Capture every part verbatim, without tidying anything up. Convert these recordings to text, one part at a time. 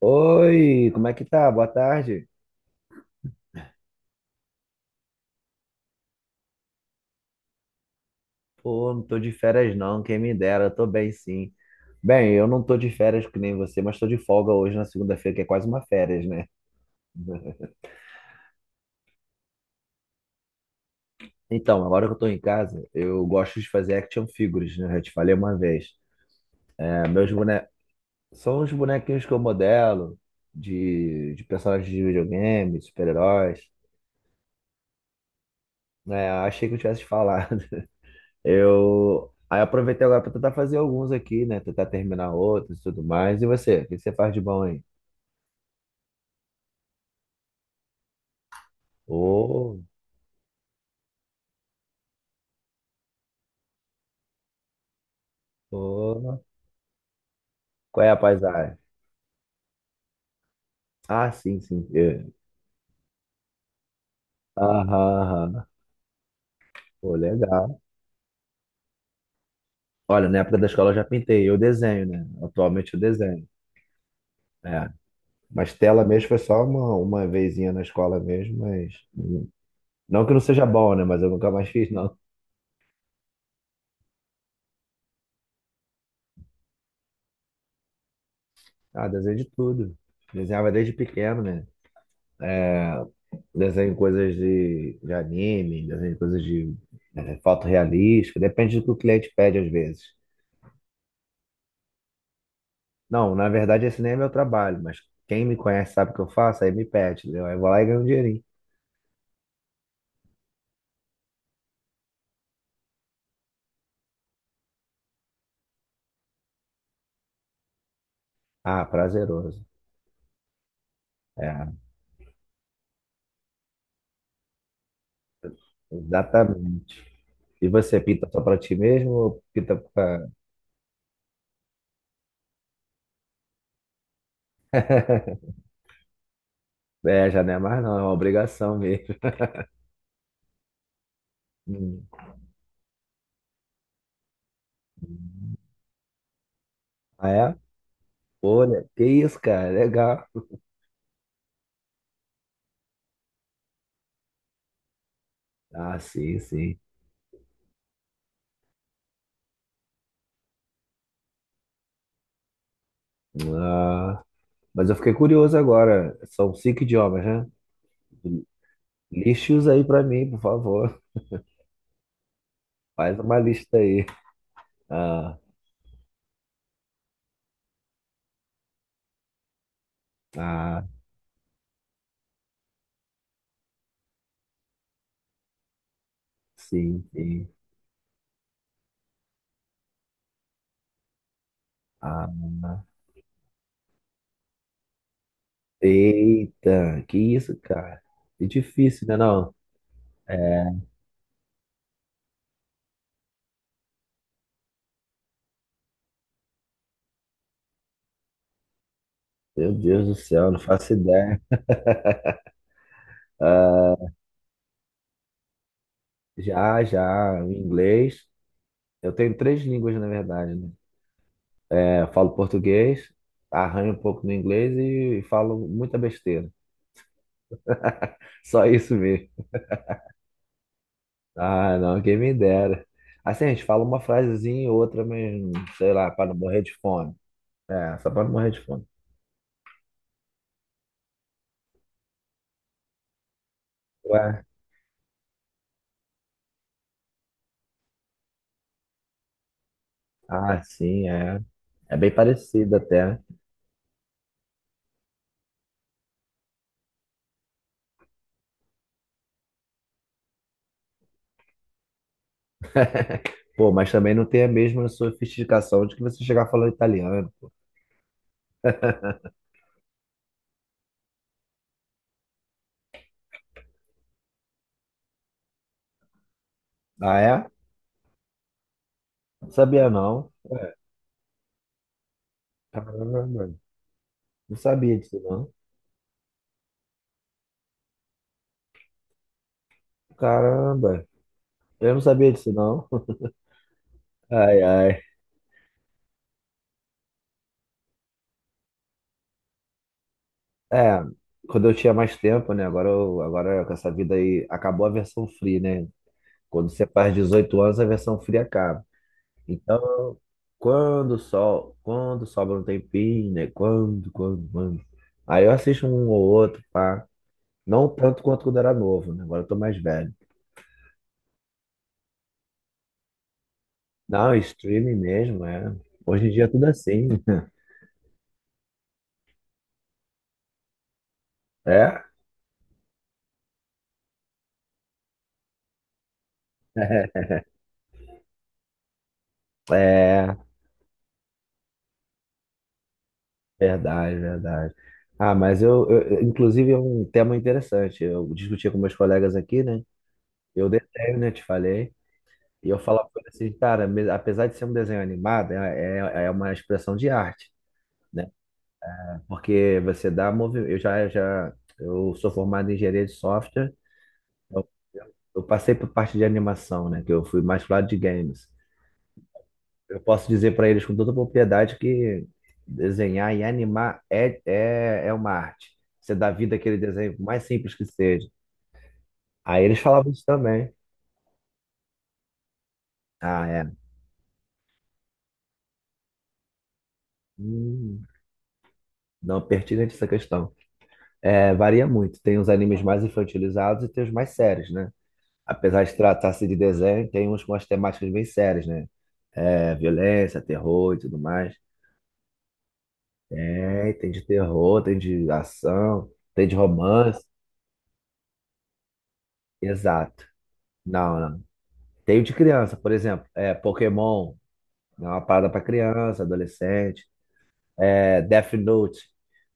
Oi, como é que tá? Boa tarde. Pô, não tô de férias não, quem me dera, eu tô bem sim. Bem, eu não tô de férias que nem você, mas tô de folga hoje na segunda-feira, que é quase uma férias, né? Então, agora que eu tô em casa, eu gosto de fazer action figures, né? Eu já te falei uma vez. É, meus bone... são os bonequinhos que eu modelo, de, de personagens de videogame, de super-heróis, né? Eu achei que eu tivesse falado. Eu aí aproveitei agora para tentar fazer alguns aqui, né? Tentar terminar outros e tudo mais. E você? O que você faz de bom aí? Ô, ô, qual é a paisagem? Ah, sim, sim. É. Aham, aham. Pô, legal. Olha, na época da escola eu já pintei. Eu desenho, né? Atualmente eu desenho. É. Mas tela mesmo foi só uma, uma vezinha na escola mesmo, mas... Não que não seja bom, né? Mas eu nunca mais fiz, não. Ah, desenho de tudo. Desenhava desde pequeno, né? É. Desenho coisas de, de anime, desenho coisas de é, foto realística, depende do que o cliente pede às vezes. Não, na verdade esse nem é meu trabalho, mas quem me conhece sabe o que eu faço, aí me pede, entendeu? Aí eu vou lá e ganho um dinheirinho. Ah, prazeroso. É, exatamente. E você pinta só pra ti mesmo ou pinta pra... É, já não é mais não, é uma obrigação mesmo. Hum. Hum. Ah, é? Olha, que isso, cara, legal. Ah, sim, sim. Ah. Mas eu fiquei curioso agora. São cinco idiomas, né? Liste-os aí pra mim, por favor. Faz uma lista aí. Ah, ah, sim, sim. Ah, eita, que isso, cara? É difícil, né, não? É, meu Deus do céu, não faço ideia. Ah, já, já, o inglês. Eu tenho três línguas, na verdade, né? É, eu falo português, arranho um pouco no inglês e falo muita besteira. Só isso mesmo. Ah, não, quem me dera. Assim, a gente fala uma frasezinha e outra, mas sei lá, para não morrer de fome. É, só para não morrer de fome. Ué, ah, sim, é. É bem parecido até, né? Pô, mas também não tem a mesma sofisticação de que você chegar falando italiano. Ah, é? Não sabia não. Caramba, não sabia disso não. Caramba, eu não sabia disso não. Ai, ai. É, quando eu tinha mais tempo, né? Agora, eu, agora com essa vida aí, acabou a versão free, né? Quando você faz dezoito anos, a versão fria acaba. Então, quando só, quando sobra um tempinho, né? Quando, quando, quando. Aí eu assisto um ou outro, pá. Não tanto quanto quando era novo, né? Agora eu tô mais velho. Não, streaming mesmo, é. Hoje em dia é tudo assim. É? É, verdade, verdade. Ah, mas eu, eu- inclusive, é um tema interessante. Eu discutia com meus colegas aqui, né? Eu detenho, né? Te falei. E eu falava pra ele assim, cara, me- apesar de ser um desenho animado, é, é, é uma expressão de arte, né? Porque você dá movimento. Eu já, já eu sou formado em engenharia de software, eu, eu passei por parte de animação, né? Que eu fui mais pro lado de games. Eu posso dizer para eles com toda propriedade que desenhar e animar é, é, é uma arte. Você dá vida àquele desenho, por mais simples que seja. Aí eles falavam isso também. Ah, é. Hum, não pertinente essa questão. É, varia muito. Tem os animes mais infantilizados e tem os mais sérios, né? Apesar de tratar-se de desenho, tem uns com as temáticas bem sérias, né? É, violência, terror e tudo mais. É tem de terror, tem de ação, tem de romance. Exato. Não, não. Tem o de criança, por exemplo. É, Pokémon é uma parada para criança, adolescente. É, Death Note,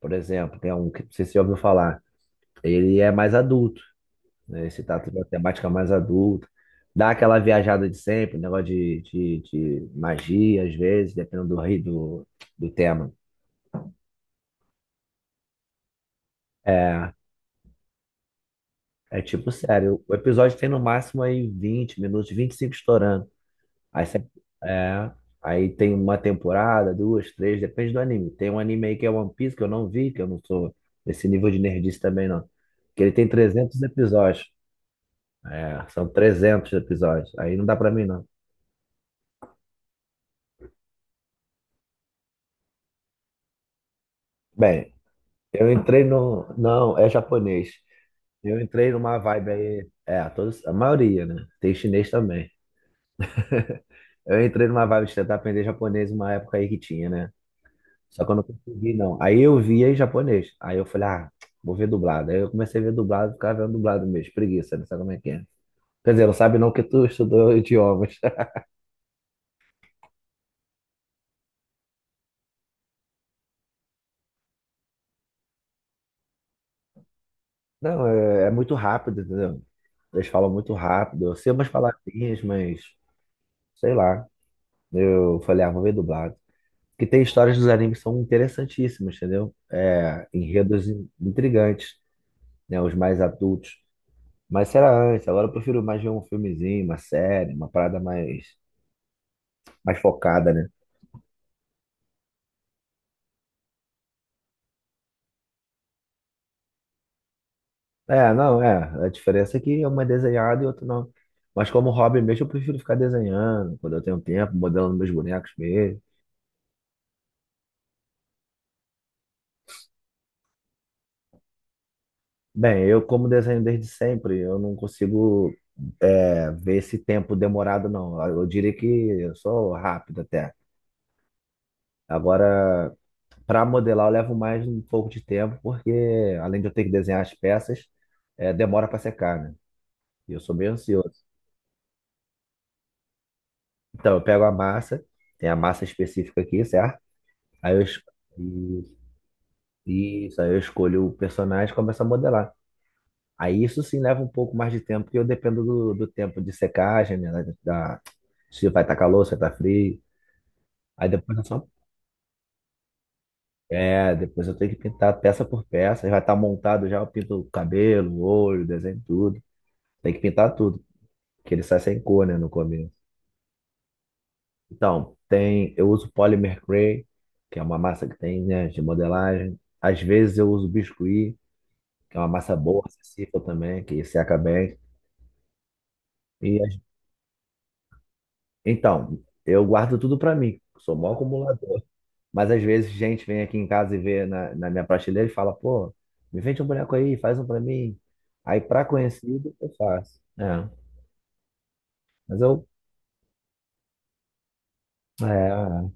por exemplo, que é um que não sei se você ouviu falar. Ele é mais adulto, né? Esse tato de uma temática mais adulta. Dá aquela viajada de sempre, negócio de, de, de magia, às vezes, dependendo do, ri- do, do tema. É, é tipo, sério, o episódio tem no máximo aí vinte minutos, vinte e cinco estourando. Aí, você- é, aí tem uma temporada, duas, três, depende do anime. Tem um anime aí que é One Piece, que eu não vi, que eu não sou desse nível de nerdice também, não. Que ele tem trezentos episódios. É, são trezentos episódios. Aí não dá pra mim, não. Bem, Eu entrei no. não, é japonês. Eu entrei numa vibe aí. É, todos, a maioria, né? Tem chinês também. Eu entrei numa vibe de tentar aprender japonês uma época aí que tinha, né? Só que eu não consegui, não. Aí eu vi em japonês. Aí eu falei, ah, vou ver dublado. Aí eu comecei a ver dublado, ficava vendo dublado mesmo. Preguiça, não sabe como é que é. Quer dizer, não sabe não que tu estudou idiomas. Não, é, é muito rápido, entendeu? Eles falam muito rápido. Eu sei umas palavrinhas, mas sei lá. Eu falei, ah, vou ver dublado, que tem histórias dos animes que são interessantíssimas, entendeu? É, enredos in- intrigantes, né? Os mais adultos. Mas isso era antes, agora eu prefiro mais ver um filmezinho, uma série, uma parada mais, mais, focada, né? É, não, é. A diferença é que uma é desenhada e outra não. Mas como hobby mesmo, eu prefiro ficar desenhando quando eu tenho tempo, modelando meus bonecos mesmo. Bem, eu como desenho desde sempre, eu não consigo é, ver esse tempo demorado, não. Eu diria que eu sou rápido até. Agora, para modelar, eu levo mais um pouco de tempo, porque além de eu ter que desenhar as peças, eh, demora para secar, né? E eu sou meio ansioso. Então, eu pego a massa, tem a massa específica aqui, certo? Aí eu, es- isso, aí eu escolho o personagem e começo a modelar. Aí isso sim leva um pouco mais de tempo, porque eu dependo do, do tempo de secagem, né? Da, da- se vai estar calor, se vai estar frio. Aí depois eu só. É, depois eu tenho que pintar peça por peça. Aí vai estar montado já, eu pinto o cabelo, o olho, desenho tudo. Tem que pintar tudo, que ele sai sem cor, né, no começo. Então, tem, eu uso Polymer clay, que é uma massa que tem, né, de modelagem. Às vezes eu uso Biscuit, que é uma massa boa, acessível também, que seca bem. E às- então, eu guardo tudo para mim, sou mó acumulador. Mas às vezes gente vem aqui em casa e vê na, na minha prateleira e fala, pô, me vende um boneco aí, faz um para mim. Aí para conhecido eu faço. É, mas eu, é,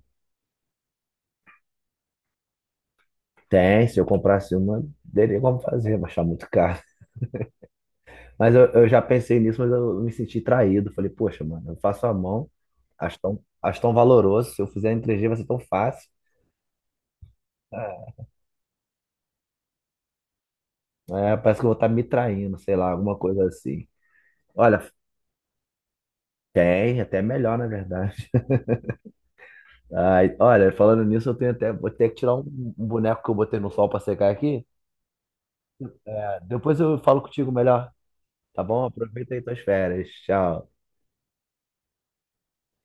tem, se eu comprasse uma, teria como fazer, mas tá muito caro. Mas eu, eu já pensei nisso, mas eu me senti traído. Falei, poxa, mano, eu faço a mão, acho tão, acho tão valoroso. Se eu fizer em três G vai ser tão fácil. É. É, parece que eu vou estar me traindo, sei lá, alguma coisa assim. Olha, tem, até melhor, na verdade. Ai, olha, falando nisso, eu tenho até, vou ter que tirar um, um, boneco que eu botei no sol para secar aqui. É, depois eu falo contigo melhor, tá bom? Aproveita aí tuas férias. Tchau.